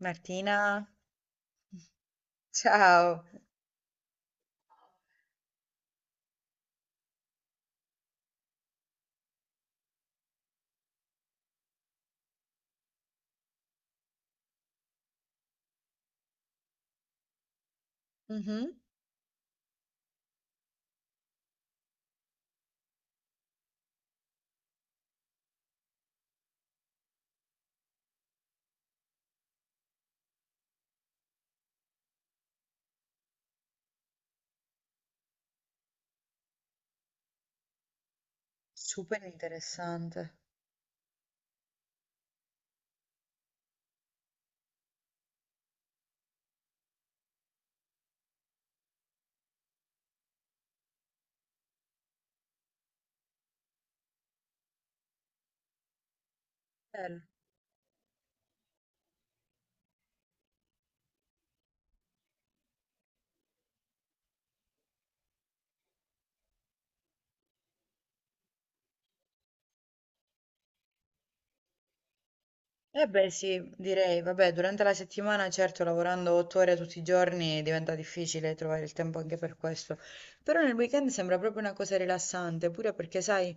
Martina, ciao. Mh-mh. Super interessante. Bello. Sì, direi. Vabbè, durante la settimana, certo, lavorando 8 ore tutti i giorni diventa difficile trovare il tempo anche per questo. Però nel weekend sembra proprio una cosa rilassante, pure perché sai,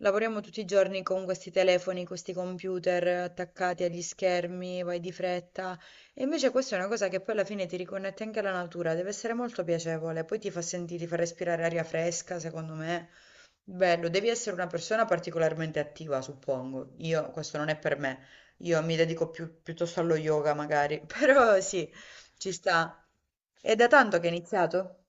lavoriamo tutti i giorni con questi telefoni, questi computer attaccati agli schermi, vai di fretta. E invece questa è una cosa che poi alla fine ti riconnette anche alla natura, deve essere molto piacevole, poi ti fa sentire, ti fa respirare aria fresca, secondo me. Bello, devi essere una persona particolarmente attiva, suppongo. Io, questo non è per me. Io mi dedico più, piuttosto allo yoga, magari. Però sì, ci sta. È da tanto che è iniziato?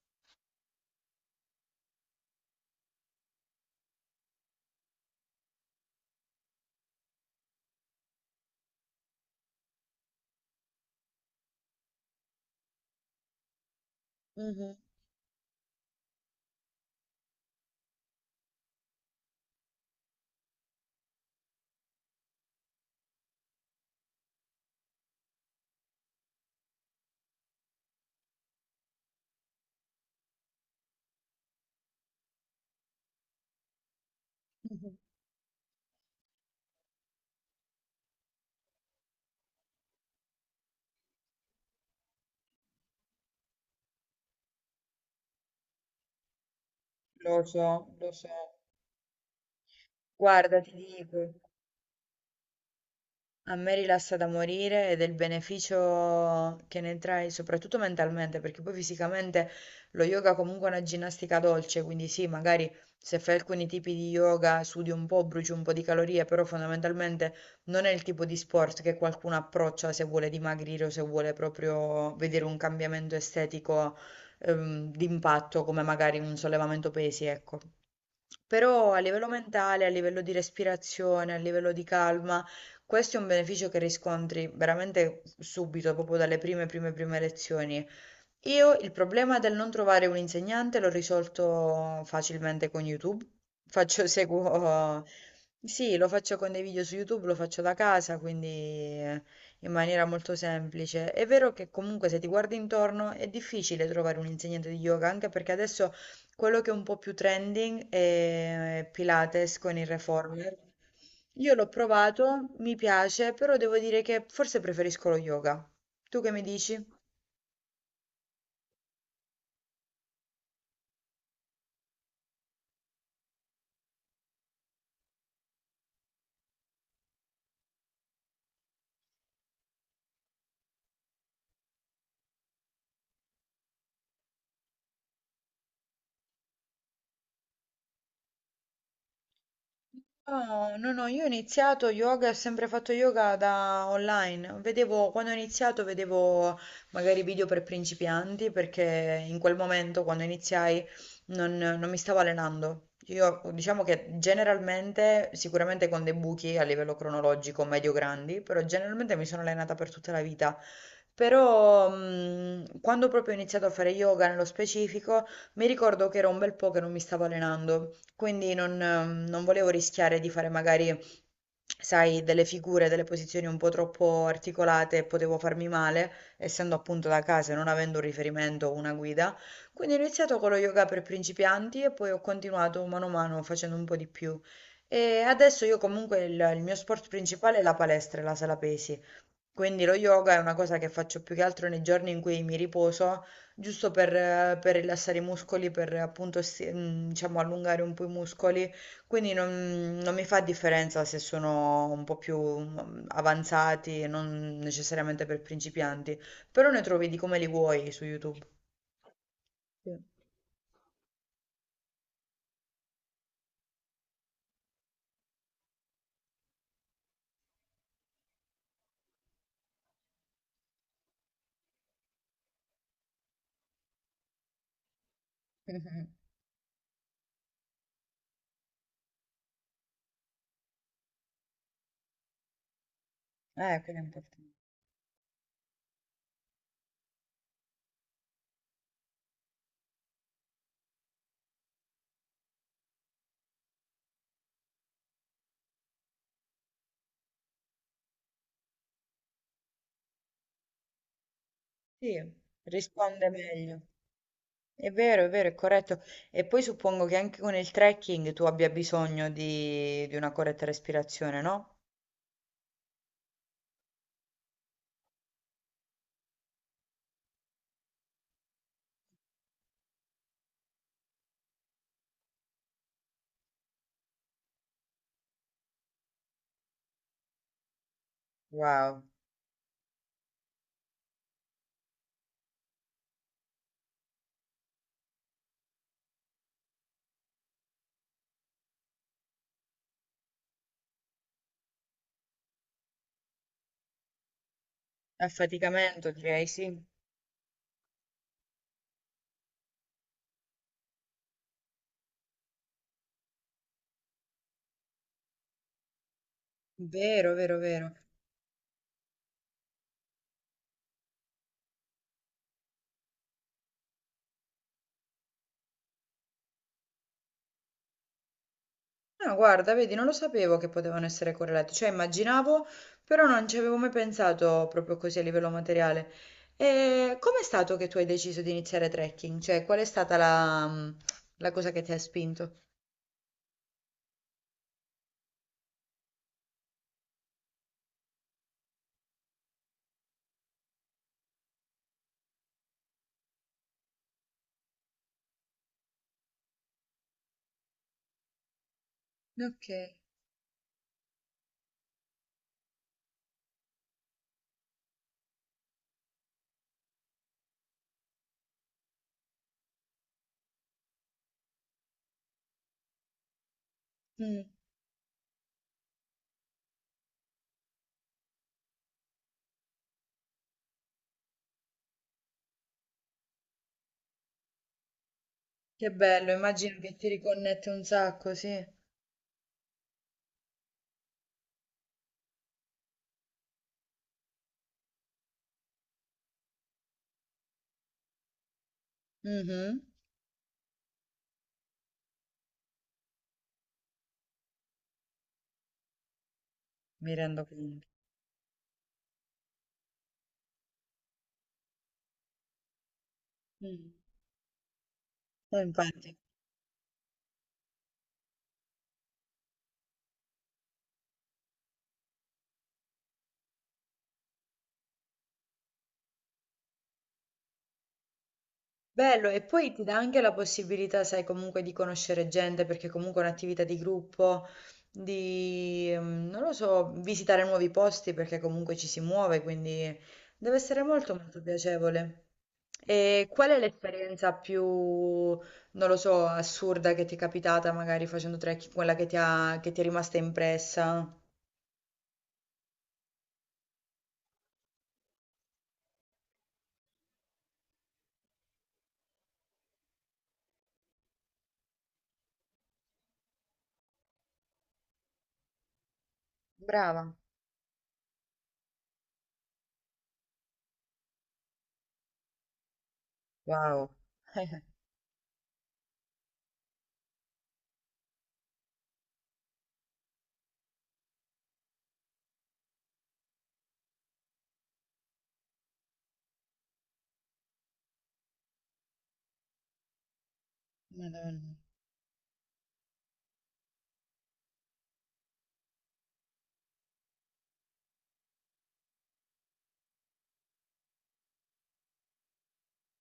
Mhm. Lo so, lo so. Guarda, ti dico. A me rilassa da morire ed è il beneficio che ne trai, soprattutto mentalmente, perché poi fisicamente lo yoga comunque è una ginnastica dolce, quindi sì, magari se fai alcuni tipi di yoga sudi un po', bruci un po' di calorie, però fondamentalmente non è il tipo di sport che qualcuno approccia se vuole dimagrire o se vuole proprio vedere un cambiamento estetico, d'impatto, come magari un sollevamento pesi, ecco. Però a livello mentale, a livello di respirazione, a livello di calma, questo è un beneficio che riscontri veramente subito, proprio dalle prime, prime, prime lezioni. Io il problema del non trovare un insegnante l'ho risolto facilmente con YouTube. Faccio, seguo, sì, lo faccio con dei video su YouTube, lo faccio da casa, quindi in maniera molto semplice. È vero che comunque se ti guardi intorno è difficile trovare un insegnante di yoga, anche perché adesso quello che è un po' più trending è Pilates con il reformer. Io l'ho provato, mi piace, però devo dire che forse preferisco lo yoga. Tu che mi dici? No, no, no, io ho iniziato yoga, ho sempre fatto yoga da online. Vedevo, quando ho iniziato vedevo magari video per principianti perché in quel momento quando iniziai non mi stavo allenando. Io diciamo che generalmente, sicuramente con dei buchi a livello cronologico medio-grandi, però generalmente mi sono allenata per tutta la vita. Però quando proprio ho iniziato a fare yoga nello specifico, mi ricordo che era un bel po' che non mi stavo allenando. Quindi non volevo rischiare di fare magari, sai, delle figure, delle posizioni un po' troppo articolate e potevo farmi male, essendo appunto da casa e non avendo un riferimento o una guida. Quindi ho iniziato con lo yoga per principianti e poi ho continuato mano a mano facendo un po' di più. E adesso io comunque il mio sport principale è la palestra e la sala pesi. Quindi lo yoga è una cosa che faccio più che altro nei giorni in cui mi riposo giusto per rilassare i muscoli, per appunto, diciamo, allungare un po' i muscoli, quindi non mi fa differenza se sono un po' più mm, avanzati, non necessariamente per principianti, però ne trovi di come li vuoi su YouTube. Sì. Mhm. Quello è importante. Sì, risponde meglio. È vero, è vero, è corretto. E poi suppongo che anche con il trekking tu abbia bisogno di una corretta respirazione, no? Wow. Affaticamento, direi, sì. Vero, vero, vero. No, guarda, vedi, non lo sapevo che potevano essere correlati, cioè immaginavo, però non ci avevo mai pensato proprio così a livello materiale. E com'è stato che tu hai deciso di iniziare trekking? Cioè, qual è stata la cosa che ti ha spinto? Ok, mm, che bello, immagino che ti riconnette un sacco, sì. Mhm, mi rendo conto. Mm. Infatti. Bello, e poi ti dà anche la possibilità, sai, comunque di conoscere gente, perché comunque è un'attività di gruppo, di, non lo so, visitare nuovi posti, perché comunque ci si muove, quindi deve essere molto molto piacevole. E qual è l'esperienza più, non lo so, assurda che ti è capitata, magari facendo trekking, quella che ti è rimasta impressa? Brava. Wow. Madonna.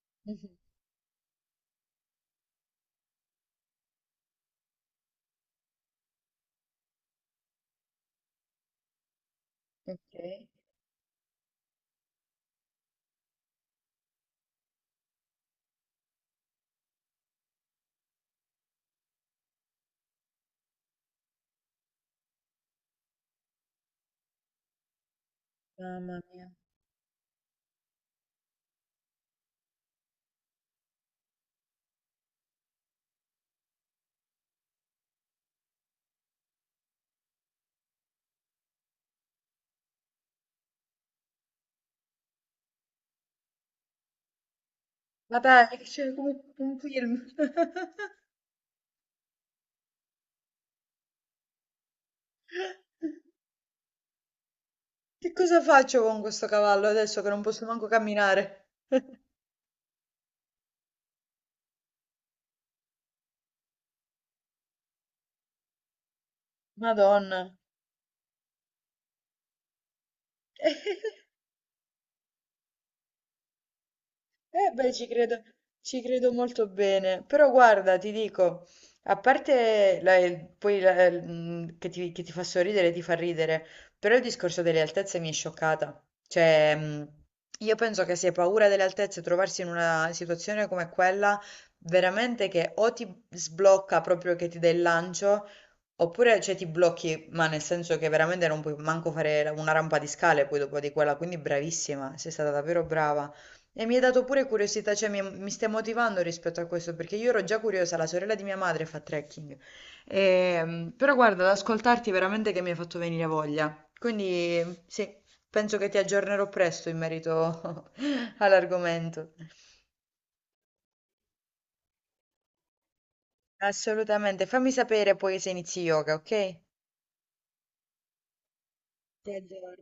Mhm. Ok. Mamma mia. Ma dai, cioè, come un film. Che cosa faccio con questo cavallo adesso che non posso manco camminare? Madonna. Eh beh, ci credo molto bene, però guarda, ti dico, a parte che ti fa sorridere, ti fa ridere, però il discorso delle altezze mi è scioccata. Cioè, io penso che se hai paura delle altezze, trovarsi in una situazione come quella, veramente che o ti sblocca proprio che ti dà il lancio, oppure, cioè, ti blocchi, ma nel senso che veramente non puoi manco fare una rampa di scale poi dopo di quella, quindi bravissima, sei stata davvero brava. E mi hai dato pure curiosità, cioè mi stai motivando rispetto a questo, perché io ero già curiosa, la sorella di mia madre fa trekking. Però guarda, ad ascoltarti veramente che mi hai fatto venire voglia. Quindi sì, penso che ti aggiornerò presto in merito all'argomento. Assolutamente, fammi sapere poi se inizi yoga, ok? Ti aggiorno.